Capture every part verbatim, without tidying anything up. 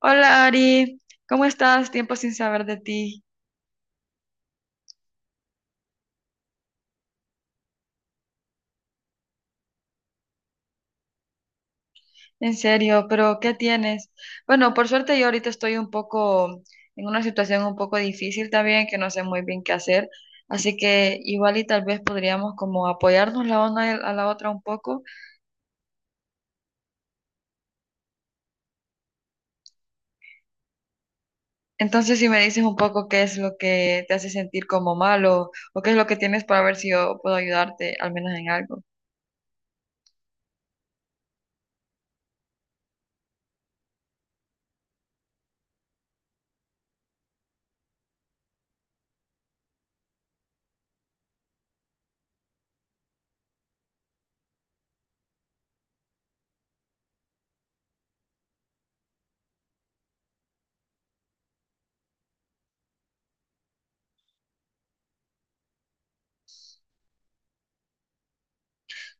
Hola Ari, ¿cómo estás? Tiempo sin saber de ti, en serio, pero ¿qué tienes? Bueno, por suerte yo ahorita estoy un poco en una situación un poco difícil también, que no sé muy bien qué hacer, así que igual y tal vez podríamos como apoyarnos la una a la otra un poco. Entonces, si me dices un poco qué es lo que te hace sentir como malo o qué es lo que tienes para ver si yo puedo ayudarte al menos en algo.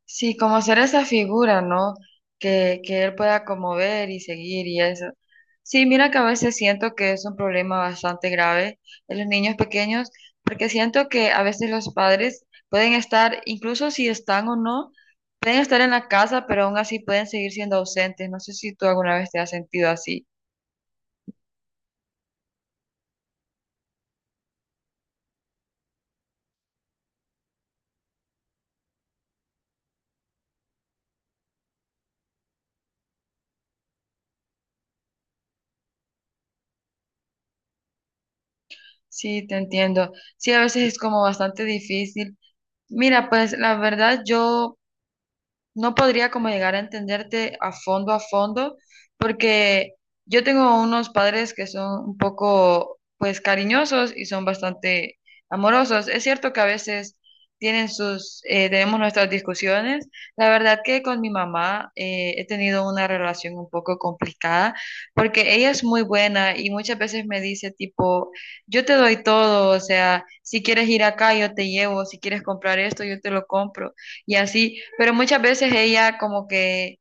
Sí, como ser esa figura, ¿no? Que, que él pueda como ver y seguir y eso. Sí, mira que a veces siento que es un problema bastante grave en los niños pequeños, porque siento que a veces los padres pueden estar, incluso si están o no, pueden estar en la casa, pero aún así pueden seguir siendo ausentes. No sé si tú alguna vez te has sentido así. Sí, te entiendo. Sí, a veces es como bastante difícil. Mira, pues la verdad yo no podría como llegar a entenderte a fondo a fondo, porque yo tengo unos padres que son un poco, pues, cariñosos y son bastante amorosos. Es cierto que a veces tienen sus, eh, tenemos nuestras discusiones. La verdad que con mi mamá eh, he tenido una relación un poco complicada, porque ella es muy buena y muchas veces me dice tipo, yo te doy todo, o sea, si quieres ir acá, yo te llevo, si quieres comprar esto, yo te lo compro y así, pero muchas veces ella como que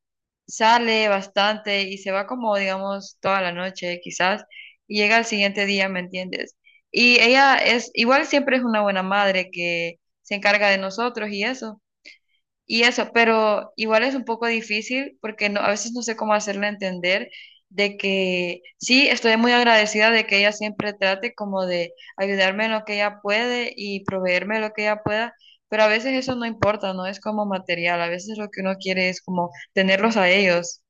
sale bastante y se va como, digamos, toda la noche quizás, y llega al siguiente día, ¿me entiendes? Y ella es, igual siempre es una buena madre que se encarga de nosotros y eso, y eso, pero igual es un poco difícil porque no, a veces no sé cómo hacerle entender de que sí, estoy muy agradecida de que ella siempre trate como de ayudarme en lo que ella puede y proveerme lo que ella pueda, pero a veces eso no importa, no es como material, a veces lo que uno quiere es como tenerlos a ellos.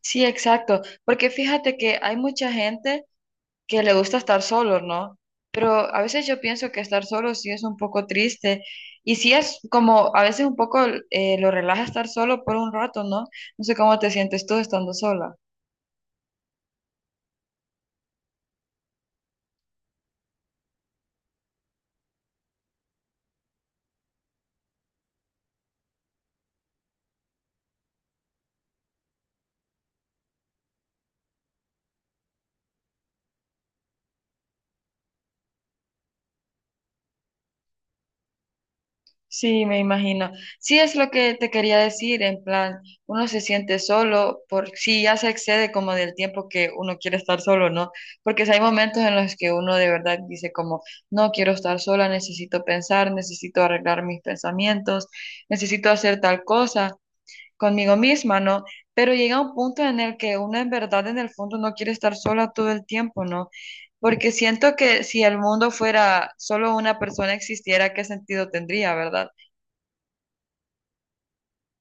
Sí, exacto, porque fíjate que hay mucha gente que le gusta estar solo, ¿no? Pero a veces yo pienso que estar solo sí es un poco triste y sí es como a veces un poco eh, lo relaja estar solo por un rato, ¿no? No sé cómo te sientes tú estando sola. Sí, me imagino. Sí es lo que te quería decir, en plan, uno se siente solo por si ya se excede como del tiempo que uno quiere estar solo, ¿no? Porque si hay momentos en los que uno de verdad dice como, no quiero estar sola, necesito pensar, necesito arreglar mis pensamientos, necesito hacer tal cosa. Conmigo misma, ¿no? Pero llega un punto en el que uno en verdad en el fondo no quiere estar sola todo el tiempo, ¿no? Porque siento que si el mundo fuera solo una persona existiera, ¿qué sentido tendría, verdad?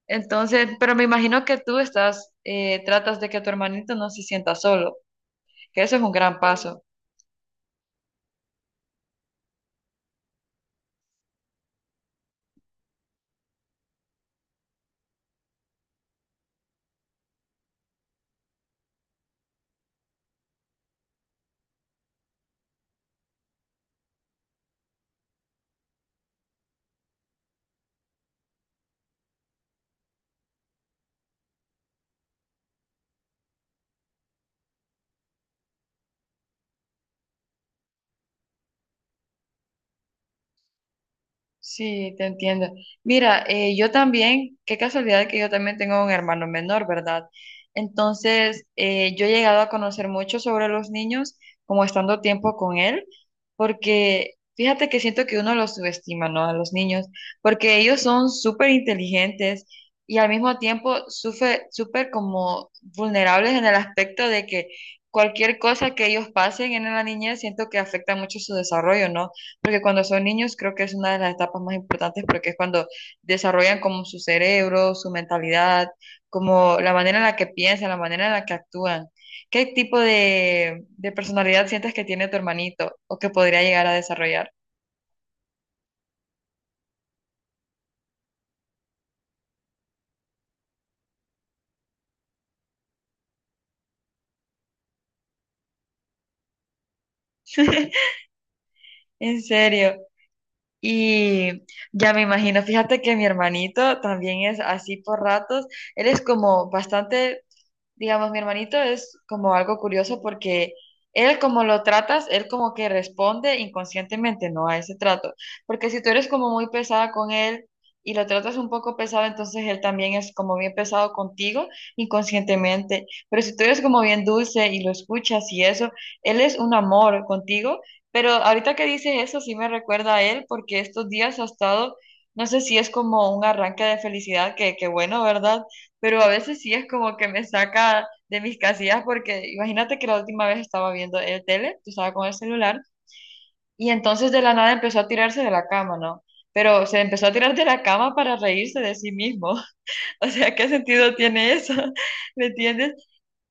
Entonces, pero me imagino que tú estás, eh, tratas de que tu hermanito no se sienta solo, que eso es un gran paso. Sí, te entiendo. Mira, eh, yo también, qué casualidad que yo también tengo un hermano menor, ¿verdad? Entonces, eh, yo he llegado a conocer mucho sobre los niños, como estando tiempo con él, porque fíjate que siento que uno los subestima, ¿no? A los niños, porque ellos son súper inteligentes y al mismo tiempo sufre- súper como vulnerables en el aspecto de que cualquier cosa que ellos pasen en la niñez, siento que afecta mucho su desarrollo, ¿no? Porque cuando son niños creo que es una de las etapas más importantes porque es cuando desarrollan como su cerebro, su mentalidad, como la manera en la que piensan, la manera en la que actúan. ¿Qué tipo de, de personalidad sientes que tiene tu hermanito o que podría llegar a desarrollar? En serio. Y ya me imagino, fíjate que mi hermanito también es así por ratos. Él es como bastante, digamos, mi hermanito es como algo curioso porque él como lo tratas, él como que responde inconscientemente, ¿no? A ese trato. Porque si tú eres como muy pesada con él y lo tratas un poco pesado, entonces él también es como bien pesado contigo inconscientemente. Pero si tú eres como bien dulce y lo escuchas y eso, él es un amor contigo. Pero ahorita que dices eso, sí me recuerda a él porque estos días ha estado, no sé si es como un arranque de felicidad, que, que bueno, ¿verdad? Pero a veces sí es como que me saca de mis casillas porque imagínate que la última vez estaba viendo el tele, tú estaba con el celular, y entonces de la nada empezó a tirarse de la cama, ¿no? Pero se empezó a tirar de la cama para reírse de sí mismo. O sea, ¿qué sentido tiene eso? ¿Me entiendes?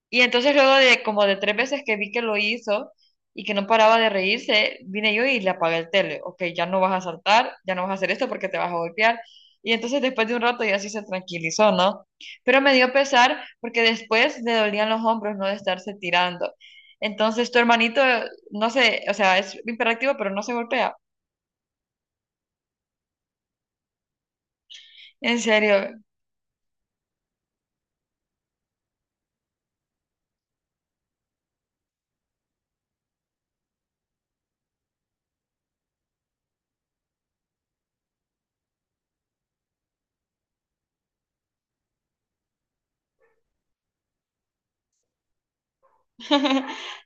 Y entonces luego de como de tres veces que vi que lo hizo y que no paraba de reírse, vine yo y le apagué el tele. Ok, ya no vas a saltar, ya no vas a hacer esto porque te vas a golpear. Y entonces después de un rato ya sí se tranquilizó, ¿no? Pero me dio pesar porque después le dolían los hombros, ¿no? De estarse tirando. Entonces tu hermanito, no sé, o sea, es imperativo, pero no se golpea. En serio.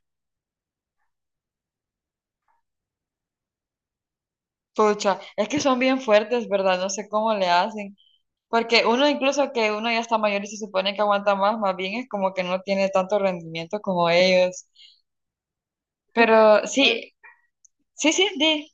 Pucha, es que son bien fuertes, ¿verdad? No sé cómo le hacen. Porque uno incluso que uno ya está mayor y se supone que aguanta más, más bien es como que no tiene tanto rendimiento como ellos. Pero sí, sí, sí, di.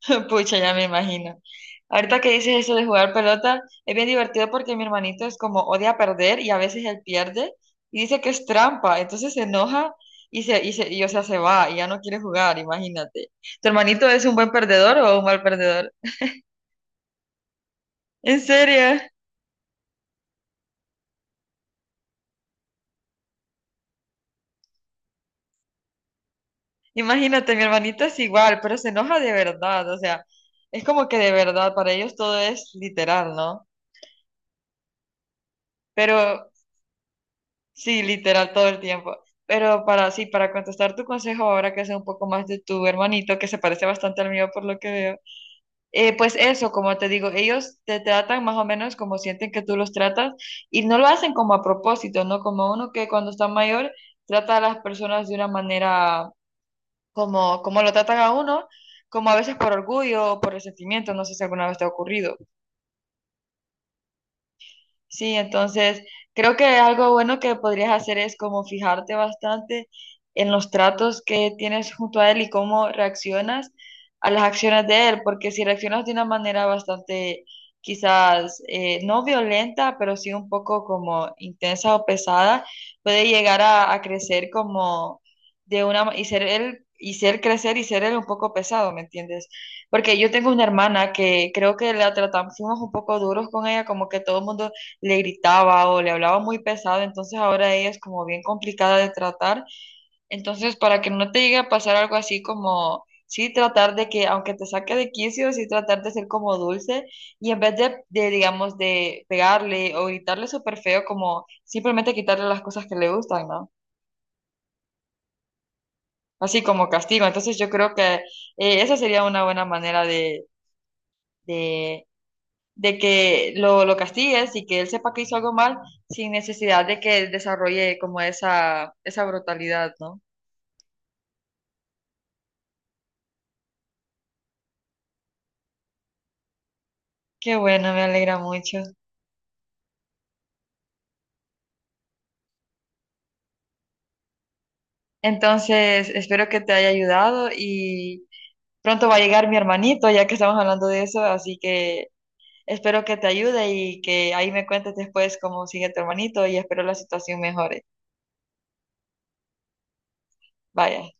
Pucha, ya me imagino. Ahorita que dices eso de jugar pelota, es bien divertido porque mi hermanito es como odia perder y a veces él pierde y dice que es trampa, entonces se enoja y se, y se, y, o sea, se va y ya no quiere jugar, imagínate. ¿Tu hermanito es un buen perdedor o un mal perdedor? ¿En serio? Imagínate, mi hermanito es igual, pero se enoja de verdad, o sea, es como que de verdad, para ellos todo es literal, ¿no? Pero sí, literal todo el tiempo. Pero para sí, para contestar tu consejo ahora que sé un poco más de tu hermanito, que se parece bastante al mío por lo que veo, eh, pues eso, como te digo, ellos te tratan más o menos como sienten que tú los tratas y no lo hacen como a propósito, ¿no? Como uno que cuando está mayor trata a las personas de una manera como, como lo tratan a uno, como a veces por orgullo o por resentimiento, no sé si alguna vez te ha ocurrido. Sí, entonces creo que algo bueno que podrías hacer es como fijarte bastante en los tratos que tienes junto a él y cómo reaccionas a las acciones de él, porque si reaccionas de una manera bastante quizás eh, no violenta, pero sí un poco como intensa o pesada, puede llegar a, a crecer como de una ma- y ser él y ser crecer y ser él un poco pesado, ¿me entiendes? Porque yo tengo una hermana que creo que la tratamos, fuimos un poco duros con ella, como que todo el mundo le gritaba o le hablaba muy pesado, entonces ahora ella es como bien complicada de tratar. Entonces, para que no te llegue a pasar algo así como, sí, tratar de que, aunque te saque de quicio, sí, tratar de ser como dulce y en vez de, de, digamos, de pegarle o gritarle súper feo, como simplemente quitarle las cosas que le gustan, ¿no? Así como castigo. Entonces, yo creo que eh, esa sería una buena manera de de de que lo, lo castigues y que él sepa que hizo algo mal sin necesidad de que él desarrolle como esa, esa brutalidad, ¿no? Qué bueno, me alegra mucho. Entonces, espero que te haya ayudado y pronto va a llegar mi hermanito, ya que estamos hablando de eso, así que espero que te ayude y que ahí me cuentes después cómo sigue tu hermanito y espero la situación mejore. Vaya.